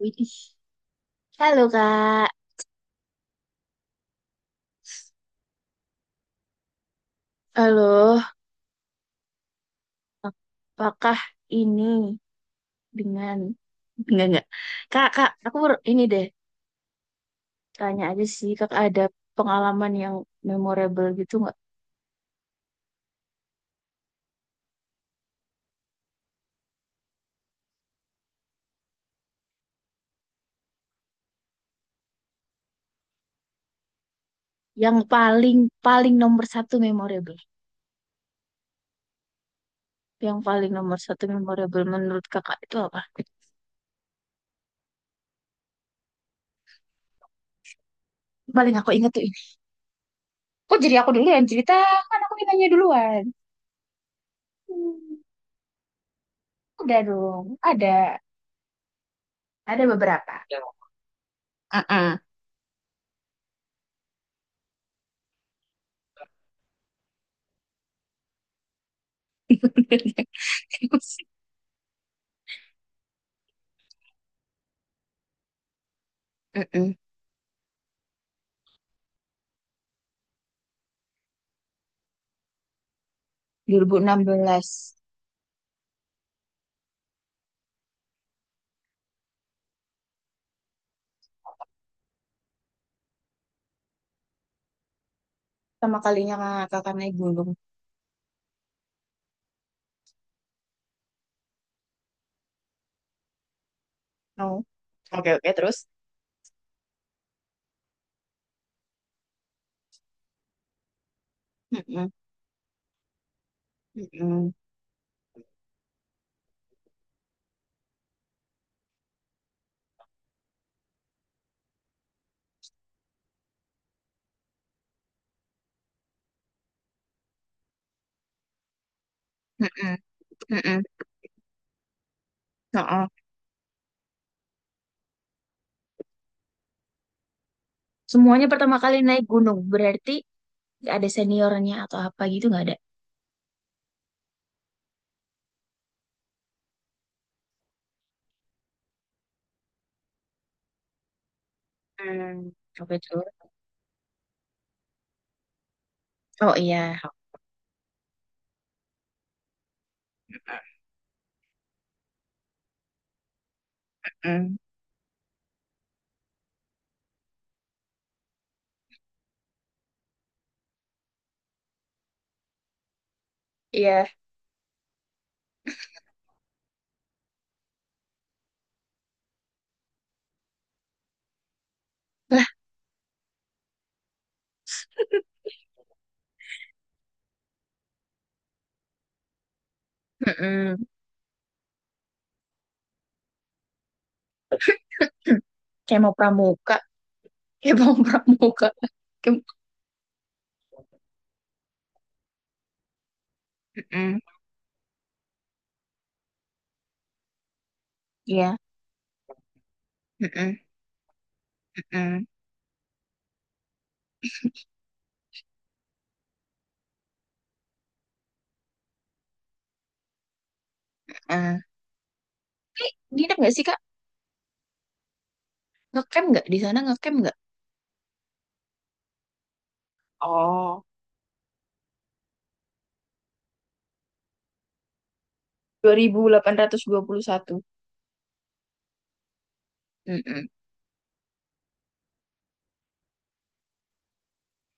Widih. Halo Kak. Halo, apakah ini dengan enggak enggak. Kak, aku baru ini deh tanya aja sih Kak, ada pengalaman yang memorable gitu nggak? Yang paling paling nomor satu memorable. Yang paling nomor satu memorable menurut Kakak itu apa? Paling aku ingat tuh ini. Kok jadi aku dulu yang cerita? Kan aku ditanya duluan. Hmm, udah dong. Ada. Ada beberapa. Mm-mm. 2016. Pertama kalinya kakak naik gunung. No. Oke, oke, terus? Mm-mm, mm-mm, mm-mm, mm-mm. No. Semuanya pertama kali naik gunung. Berarti ada seniornya atau apa gitu, nggak ada? Hmm, oke, terus. Oh iya. Mm, iya. Lah, mm-mm. Kayak mau pramuka. Kayak mau pramuka. Kayak... Mm-mm, iya. Mm-mm, mm-mm, mm-mm. Nginep nggak sih, Kak? Ngecamp nggak? Di sana ngecamp nggak? Oh, 2821. Mm-mm.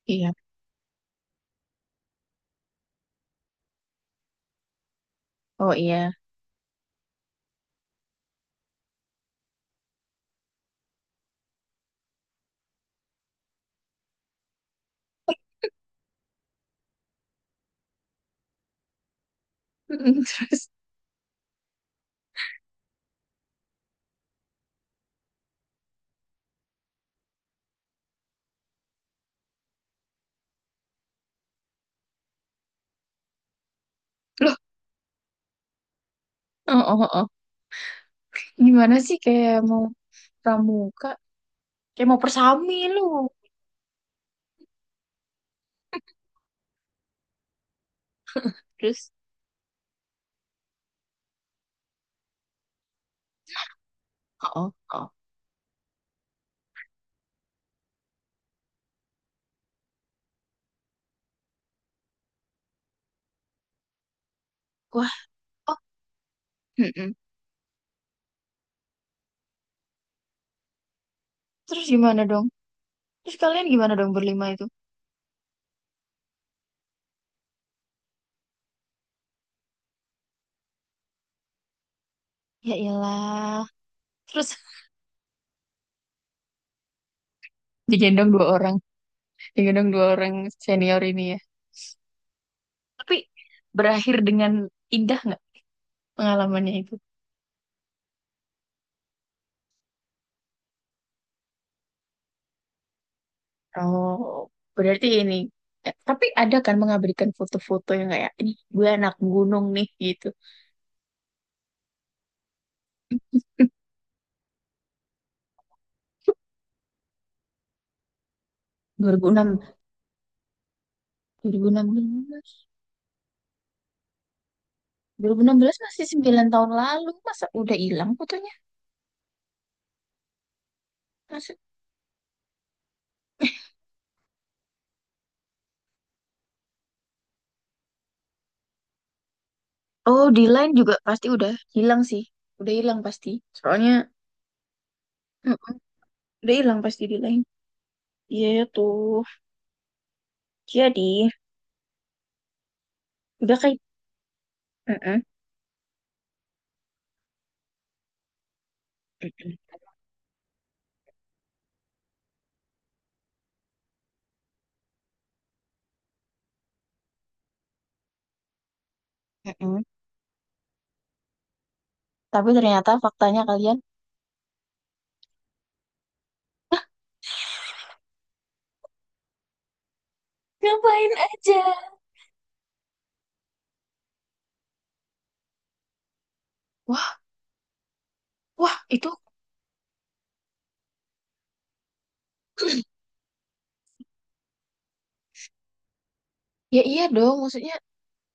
Iya. Oh iya. Mm-mm, terus loh, oh, oh, oh. Oh. Gimana sih, kayak mau pramuka, kayak mau persami lu. Terus, oh, oh, oh. Wah, oh, mm-mm. Terus gimana dong? Terus kalian gimana dong, berlima itu? Ya iyalah. Terus digendong dua orang, digendong dua orang senior ini ya. Tapi berakhir dengan indah nggak pengalamannya itu? Oh, berarti ini. Tapi ada kan mengabadikan foto-foto yang kayak ini gue anak gunung nih gitu. 2006, 2016. Dua ribu enam belas masih 9 tahun lalu, masa udah hilang fotonya? maksud Oh, di line juga pasti udah hilang sih. Udah hilang pasti. Soalnya mm-mm, udah hilang pasti di line. Iya tuh. Jadi, udah kayak mm-mm, mm-mm, mm-mm. Tapi ternyata faktanya kalian ngapain aja. Wah, wah, itu ya iya dong, maksudnya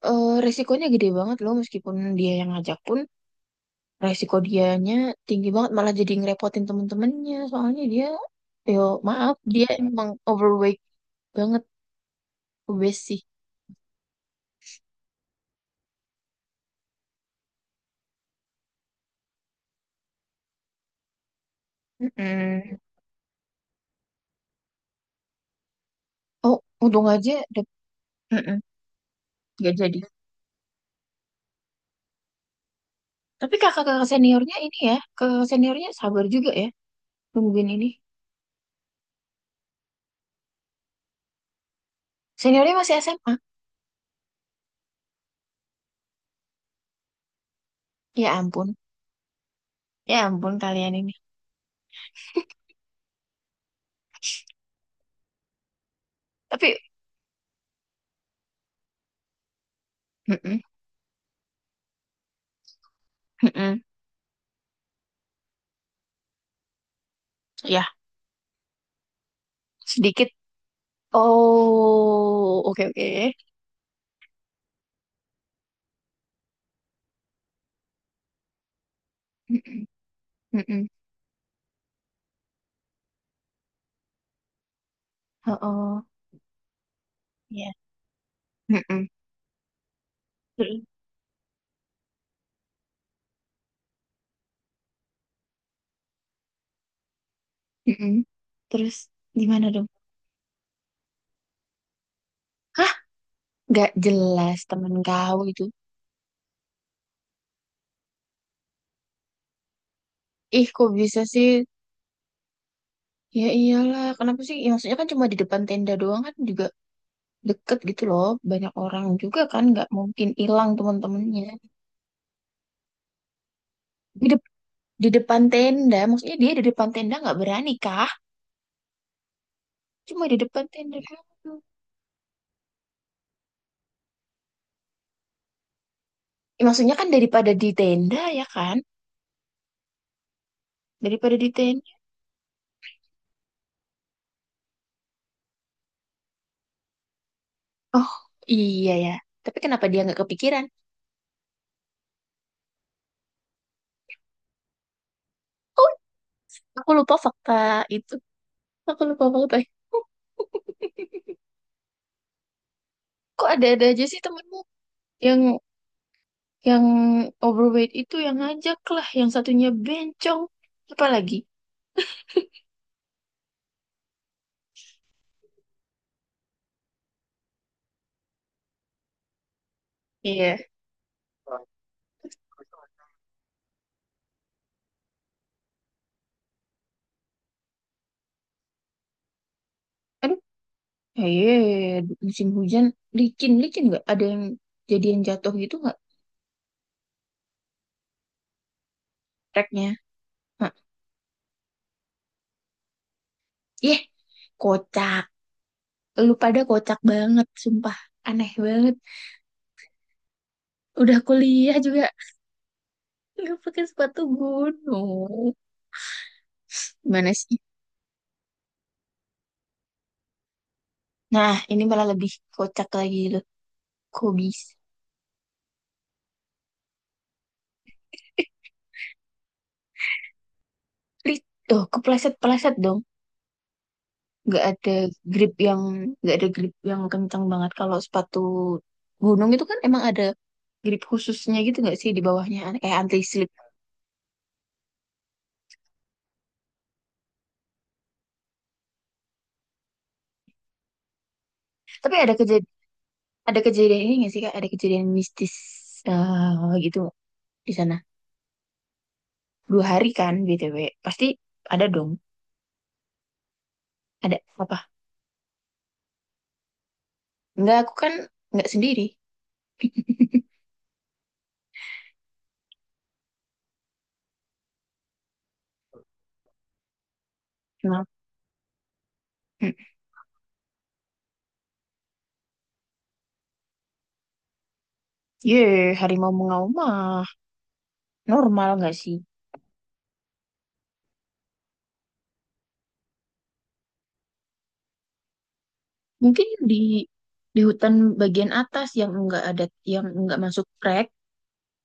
resikonya gede banget loh, meskipun dia yang ngajak pun resiko dianya tinggi banget, malah jadi ngerepotin temen-temennya soalnya dia, yo maaf, dia emang overweight banget, obes sih. Mm-mm. Oh, untung aja mm-mm, nggak jadi. Tapi kakak-kakak seniornya ini ya, kakak seniornya sabar juga ya, nungguin ini, seniornya masih SMA. Ya ampun, ya ampun kalian ini, tapi mm-mm, mm-mm. Ya, sedikit. Oh, oke, oke. Mm-mm, mm-mm. Oh, oh, ya. Mm-mm. Mm-mm. Terus gimana dong? Hah? Gak jelas temen kau itu. Ih, kok bisa sih? Ya iyalah, kenapa sih? Ya, maksudnya kan cuma di depan tenda doang kan, juga deket gitu loh. Banyak orang juga kan, nggak mungkin hilang teman-temannya. Di, dep- di depan tenda, maksudnya dia di depan tenda nggak berani kah? Cuma di depan tenda doang. Ya, maksudnya kan daripada di tenda ya kan? Daripada di tenda. Oh iya ya. Tapi kenapa dia nggak kepikiran? Oh, aku lupa fakta itu. Aku lupa fakta. Kok ada-ada aja sih temenmu, yang yang overweight itu yang ngajak lah, yang satunya bencong. Apalagi? Iya. Aduh, iya, musim hujan, licin-licin nggak? Ada yang jadian jatuh gitu nggak, treknya? Hah. Yeh, kocak. Lu pada kocak banget, sumpah. Aneh banget. Udah kuliah juga nggak pakai sepatu gunung. Gimana sih? Nah, ini malah lebih kocak lagi loh. Kok Li- Oh, kepleset-pleset dong. Nggak ada grip yang nggak ada grip yang kencang banget. Kalau sepatu gunung itu kan emang ada grip khususnya gitu nggak sih di bawahnya, kayak anti slip. Tapi ada kejadian ini nggak sih Kak? Ada kejadian mistis gitu nggak di sana. 2 hari kan BTW. Pasti ada dong. Ada apa? Nggak, aku kan nggak sendiri. Nah, hmm. Ye, harimau mengaumah. Normal nggak sih? Mungkin di hutan bagian atas, yang enggak masuk trek,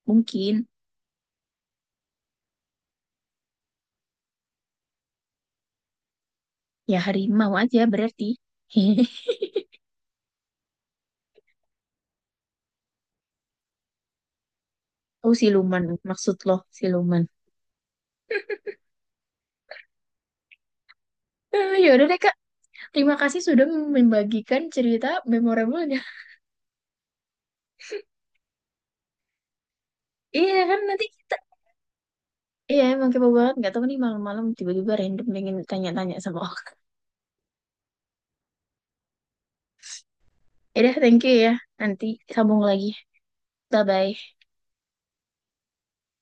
mungkin ya harimau aja berarti. Oh siluman, maksud lo siluman. Eh, ya udah deh Kak, terima kasih sudah membagikan cerita memorable-nya. Iya kan nanti kita, iya emang kepo banget. Nggak tahu nih, malam-malam tiba-tiba random pengen tanya-tanya sama orang. Ya udah, thank you ya. Nanti sambung lagi. Bye-bye.